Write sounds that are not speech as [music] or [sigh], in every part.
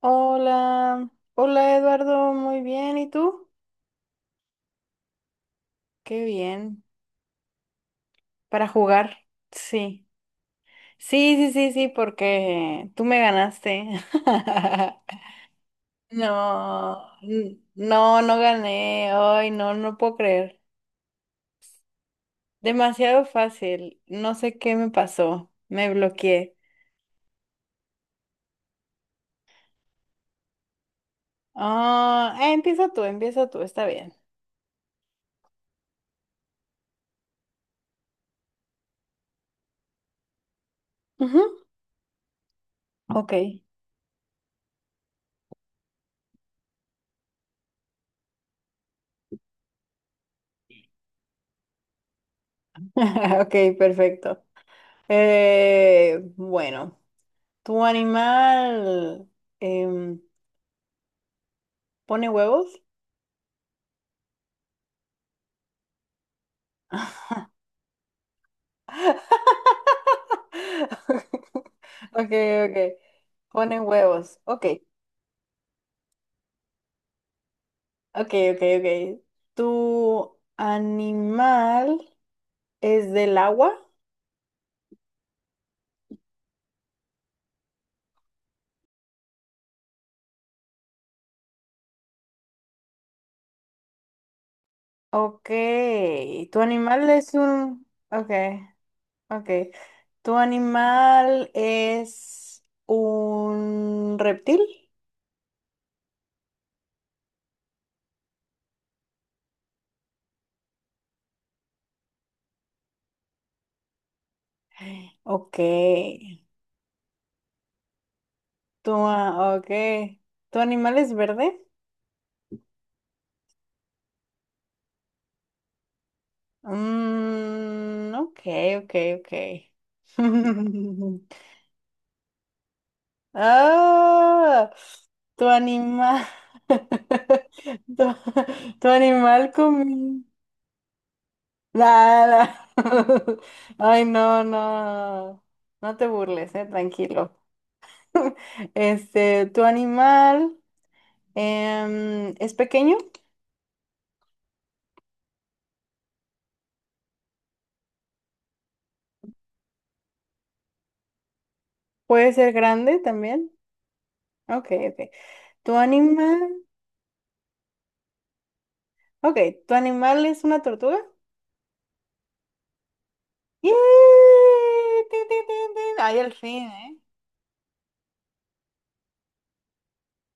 Hola, hola Eduardo, muy bien, ¿y tú? Qué bien, para jugar, sí. Sí, sí, sí, sí, porque tú me ganaste. [laughs] No, no, no gané, ay, no, no puedo creer. Demasiado fácil, no sé qué me pasó, me bloqueé. Empieza tú, empieza tú, está bien. Ujú. Ok, [laughs] ok, perfecto. Bueno. ¿Tu animal em, pone huevos? [laughs] Ok, ok. Pone huevos. Ok, ok, ok, ok. ¿Tu animal es del agua? Ok. ¿Tu animal es un... Ok, ok. ¿Tu animal es un reptil? Ok. Ok. ¿Tu animal es verde? Mm, ok, ok, ok. [laughs] Ah, tu animal. [laughs] Tu, tu animal comió. Nada. [laughs] Ay, no, no. No te burles, tranquilo. [laughs] Este, tu animal es pequeño, puede ser grande también. Ok, ok. Tu animal. Ok, ¿tu animal es una tortuga? ¡Yee! ¡Tin, tin, tin, tin! Ahí al fin, ¿eh?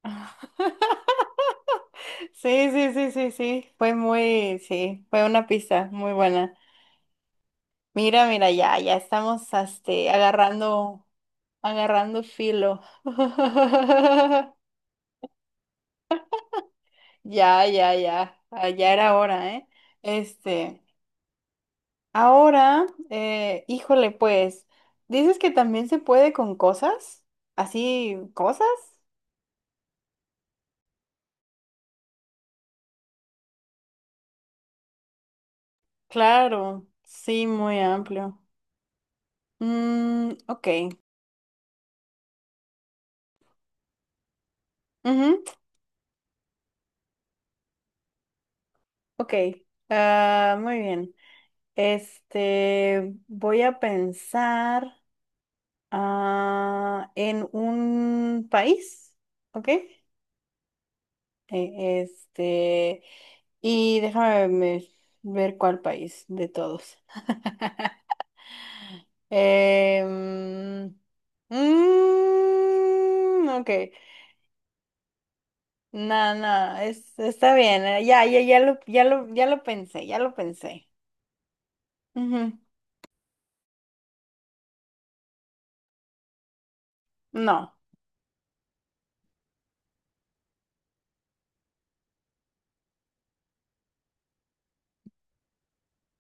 [laughs] Sí, sí, sí, sí, sí. Fue muy, sí, fue una pista muy buena. Mira, mira, ya estamos este, agarrando, agarrando filo. [laughs] Ya, ya, ya. Ya era hora, ¿eh? Este, ahora, híjole, pues, ¿dices que también se puede con cosas? ¿Así, cosas? Claro, sí, muy amplio. Mm, ok. Ujú, ok. Ah, muy bien. Este, voy a pensar en un país, ¿ok? Este, y ver cuál país de todos. Em, ok. No, no, está bien. Ya, ya, ya lo pensé, ya lo pensé. Ujú. No.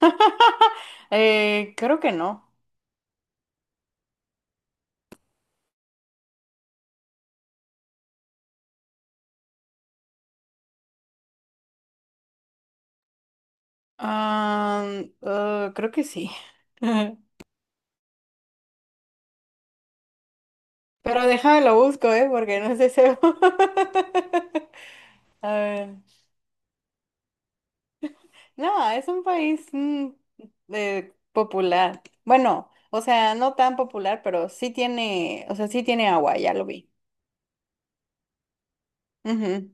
[laughs] Creo que no. Ah, creo que sí. [laughs] Pero déjame lo busco, ¿eh? Porque no sé seguro. [laughs] A ver. No, es un país popular. Bueno, o sea, no tan popular, pero sí tiene, o sea, sí tiene agua, ya lo vi. Ujú.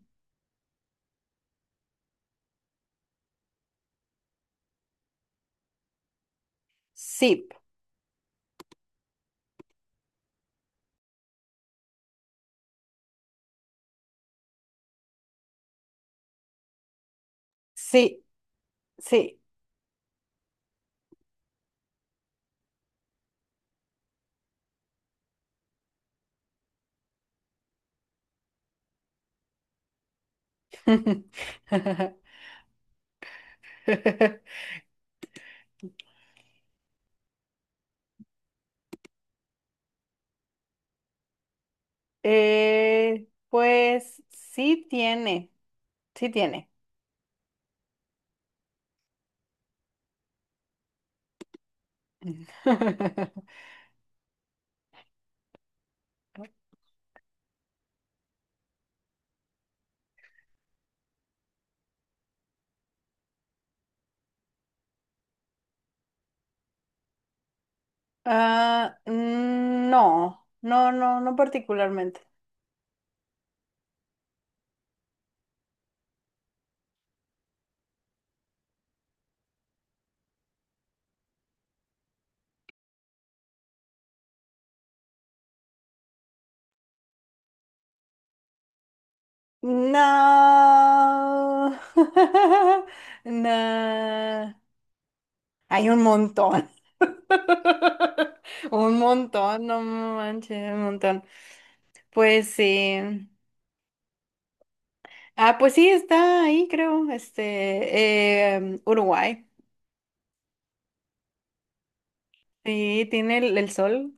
Sí, sí, sí. [laughs] Pues sí tiene, sí tiene. [laughs] No, no, no, no particularmente. No. [laughs] No. Hay un montón. [laughs] Un montón, no manches, un montón. Pues sí. Ah, pues sí, está ahí, creo. Este, Uruguay. Sí, tiene el sol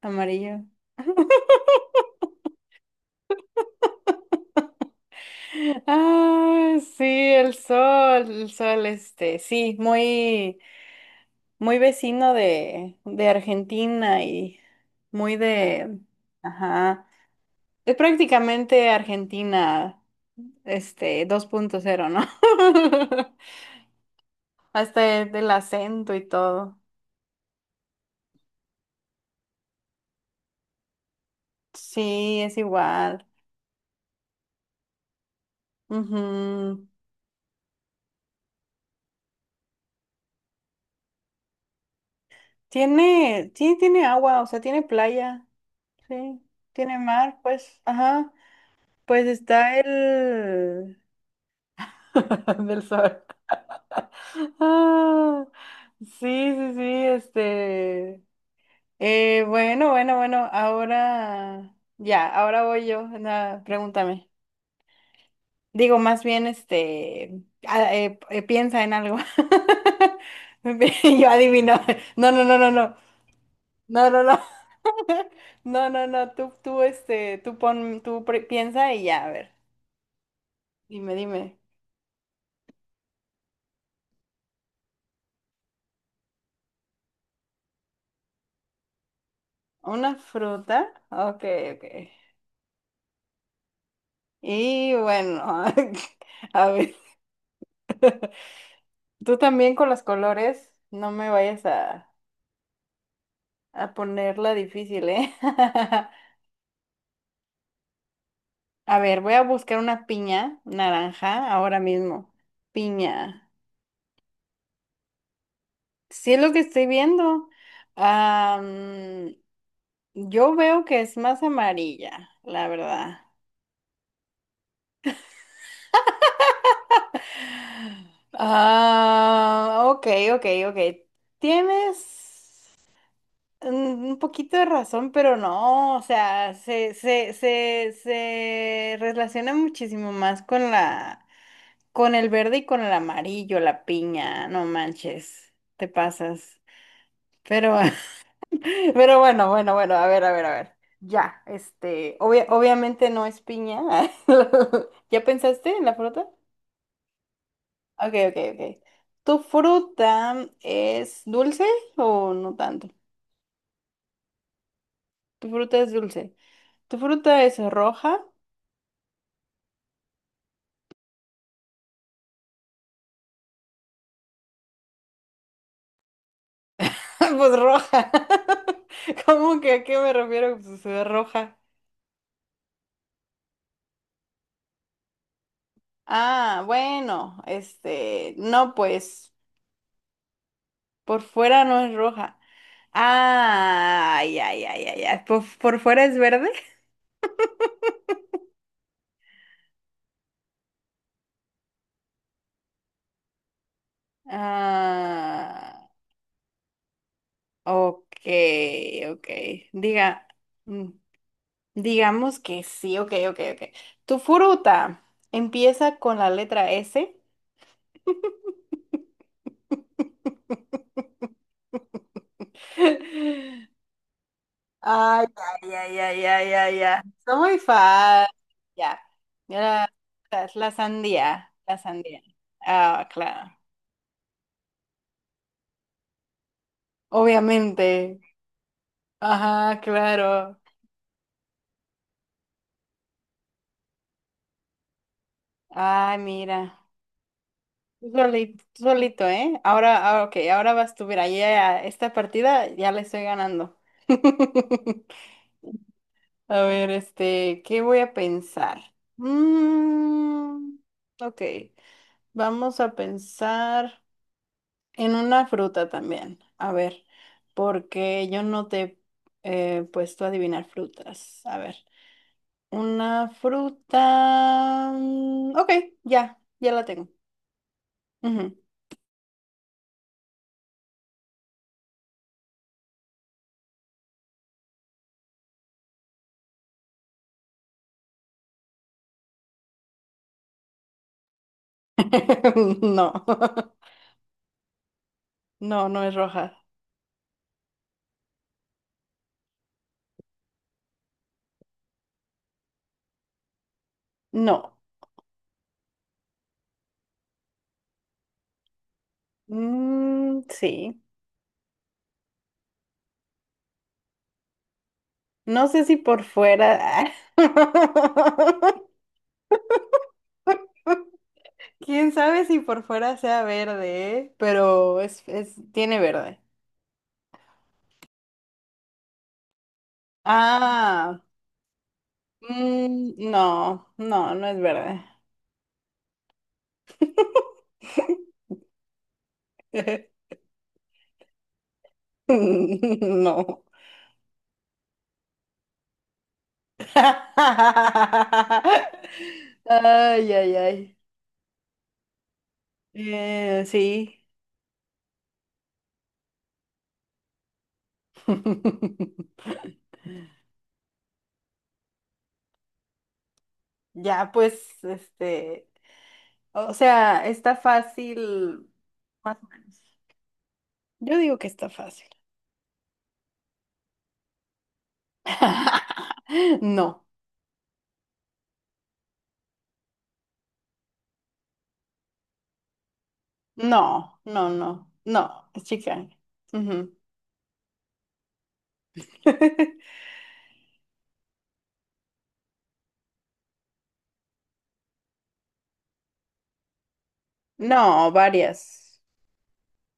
amarillo. [laughs] Ah, sí, el sol, este, sí, muy. Muy vecino de Argentina y muy de, ajá, es prácticamente Argentina, este, 2.0, ¿no? [laughs] Hasta el acento y todo. Sí, es igual. Ujú. Tiene, sí, tiene agua, o sea, tiene playa, sí, tiene mar, pues, ajá, pues está el... [laughs] del sol. Ah, sí, sí, sí, este... bueno, bueno, bueno, ahora ya, ahora voy yo. Nada, pregúntame. Digo, más bien, este, piensa en algo. [laughs] Yo adivino. No, no, no, no, no. No, no, no. [laughs] No, no, no. Tú, este, tú pon, tú pre- piensa y ya, a ver. Dime, dime. ¿Una fruta? Ok, ok. Y bueno, [laughs] a ver. [laughs] Tú también con los colores, no me vayas a... A ponerla difícil, ¿eh? [laughs] A ver, voy a buscar una piña naranja ahora mismo. Piña. Sí es lo que estoy viendo. Am, yo veo que es más amarilla, la verdad. Ah, ok, ok, ok. Tienes un poquito de razón, pero no, o sea, se relaciona muchísimo más con la con el verde y con el amarillo, la piña, no manches, te pasas. Pero, [laughs] pero bueno, bueno, bueno, a ver, a ver, a ver. Ya, este, obviamente no es piña. [laughs] ¿Ya pensaste en la fruta? Ok, ok, ok. ¿Tu fruta es dulce o no tanto? Tu fruta es dulce. ¿Tu fruta es roja? [laughs] Pues roja. [laughs] ¿Cómo que a qué me refiero? Pues roja. Bueno, este, no, pues. Por fuera no es roja. Ah, ya, ya, ya, ya. Por fuera es verde? Ah, ok, ok. Diga, mm, digamos que sí, ok, ok, ok. Tu fruta empieza con la letra S. [laughs] Ay, ay, ay, ay, ay, ay, ya, está muy fácil. Ya. Mira, la sandía, la sandía. Ah, claro. Obviamente. Ajá, claro. Ay, mira. Tú solito, ¿eh? Ahora, ahora, ok, ahora vas tú. Mira, ya esta partida ya le estoy ganando. [laughs] A ver, este, ¿qué voy a pensar? Mm, ok, vamos a pensar en una fruta también. A ver, porque yo no te he puesto a adivinar frutas. A ver, una fruta. Ok, ya, ya la tengo. Ujú. [laughs] No, [laughs] no, no es roja. No. Mm, sí. No sé si por fuera. [laughs] Quién sabe si por fuera sea verde, ¿eh? Pero es, tiene verde. Ah, no, no, no es verde. [laughs] No. [laughs] Ay, ay, ay. Sí. [laughs] Ya, pues, este, o sea, está fácil, más o menos. Yo digo que está fácil. [laughs] No, no, no, no, no, es chica. Ujú. [laughs] No, varias,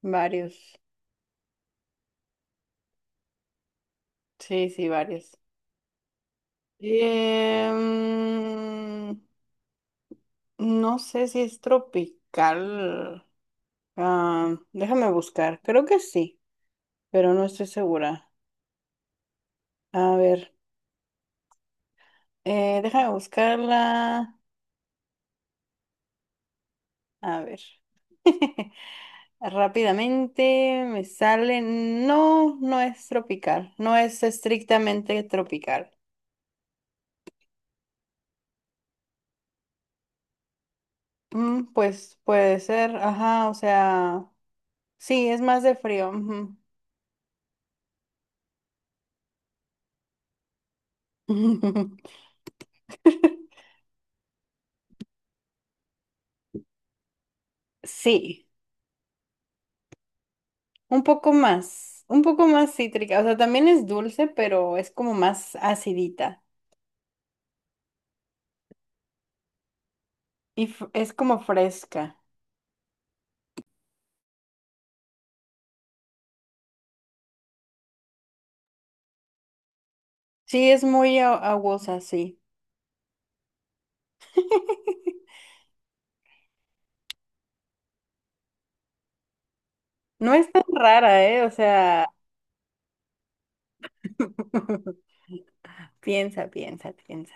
varios. Sí, sí, varios. Em, no sé si es tropical. Ah, déjame buscar, creo que sí, pero no estoy segura. A ver. Déjame buscarla. A ver. [laughs] Rápidamente me sale. No, no es tropical. No es estrictamente tropical. Mm, pues puede ser. Ajá, o sea. Sí, es más de frío. Ujú. [laughs] Sí, un poco más. Un poco más cítrica. O sea, también es dulce, pero es como más acidita. Y es como fresca. Sí, es muy aguosa, sí. [laughs] No es tan rara, ¿eh? O sea, [laughs] piensa, piensa, piensa.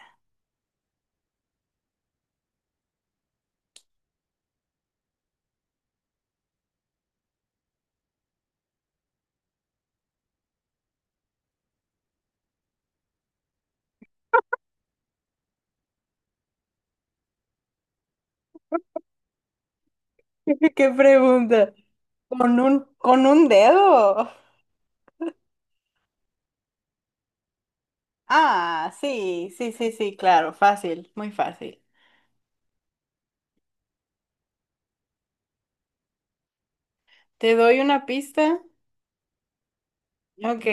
[laughs] ¿Qué pregunta? Con un dedo? Ah, sí, sí, sí, sí, claro, fácil, muy fácil. ¿Te doy una pista? Ok.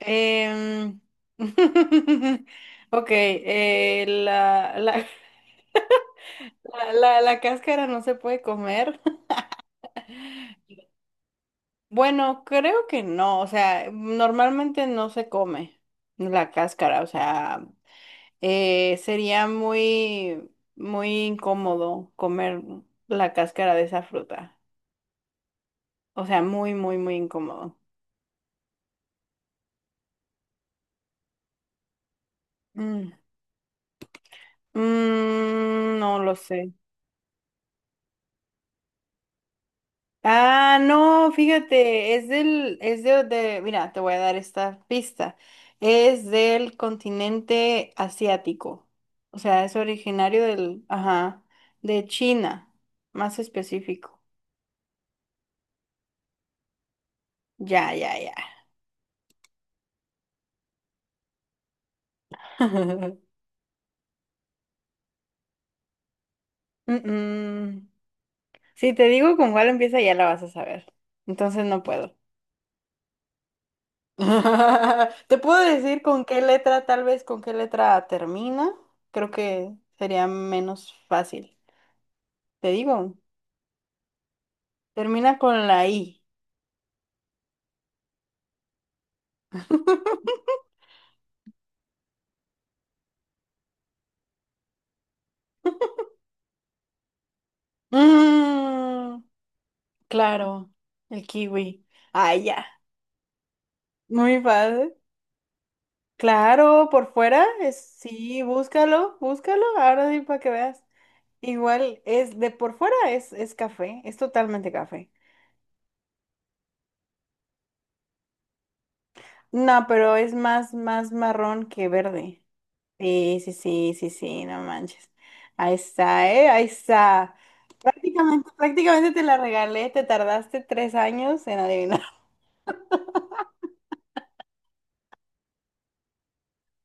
em, [laughs] Ok, la cáscara no se puede comer. [laughs] Bueno, creo que no, o sea, normalmente no se come la cáscara, o sea... sería muy, muy incómodo comer la cáscara de esa fruta. O sea, muy, muy, muy incómodo. Mm. Mm, no lo sé. Ah, no, fíjate, es del, es de- mira, te voy a dar esta pista. Es del continente asiático. O sea, es originario del, ajá, de China, más específico. Ya, ya, ya. [laughs] Mm, mm. Si te digo con cuál empieza, ya la vas a saber. Entonces no puedo. [laughs] Te puedo decir con qué letra, tal vez con qué letra termina. Creo que sería menos fácil. Te digo, termina con la I. [laughs] Mm, claro, el kiwi. Ah, ya. Muy fácil. Claro, por fuera, es, sí, búscalo, búscalo, ahora sí para que veas. Igual es de por fuera es café, es totalmente café. No, pero es más, más marrón que verde. Sí, sí, sí, sí, sí, no manches. Ahí está, ¿eh? Ahí está. Prácticamente, prácticamente te la regalé, te tardaste 3 años en adivinar. [laughs]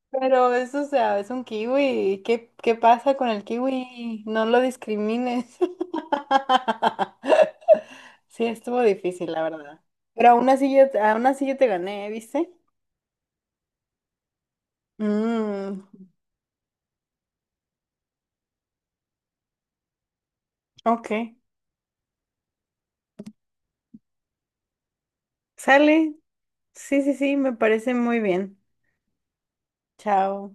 Pero eso, o sea, es un kiwi. ¿Qué, qué pasa con el kiwi? No lo discrimines. [laughs] Sí, estuvo difícil, la verdad. Pero aún así yo te gané, ¿eh? ¿Viste? Mm, ok. Sale. Sí, sí, sí, me parece muy bien. Chao.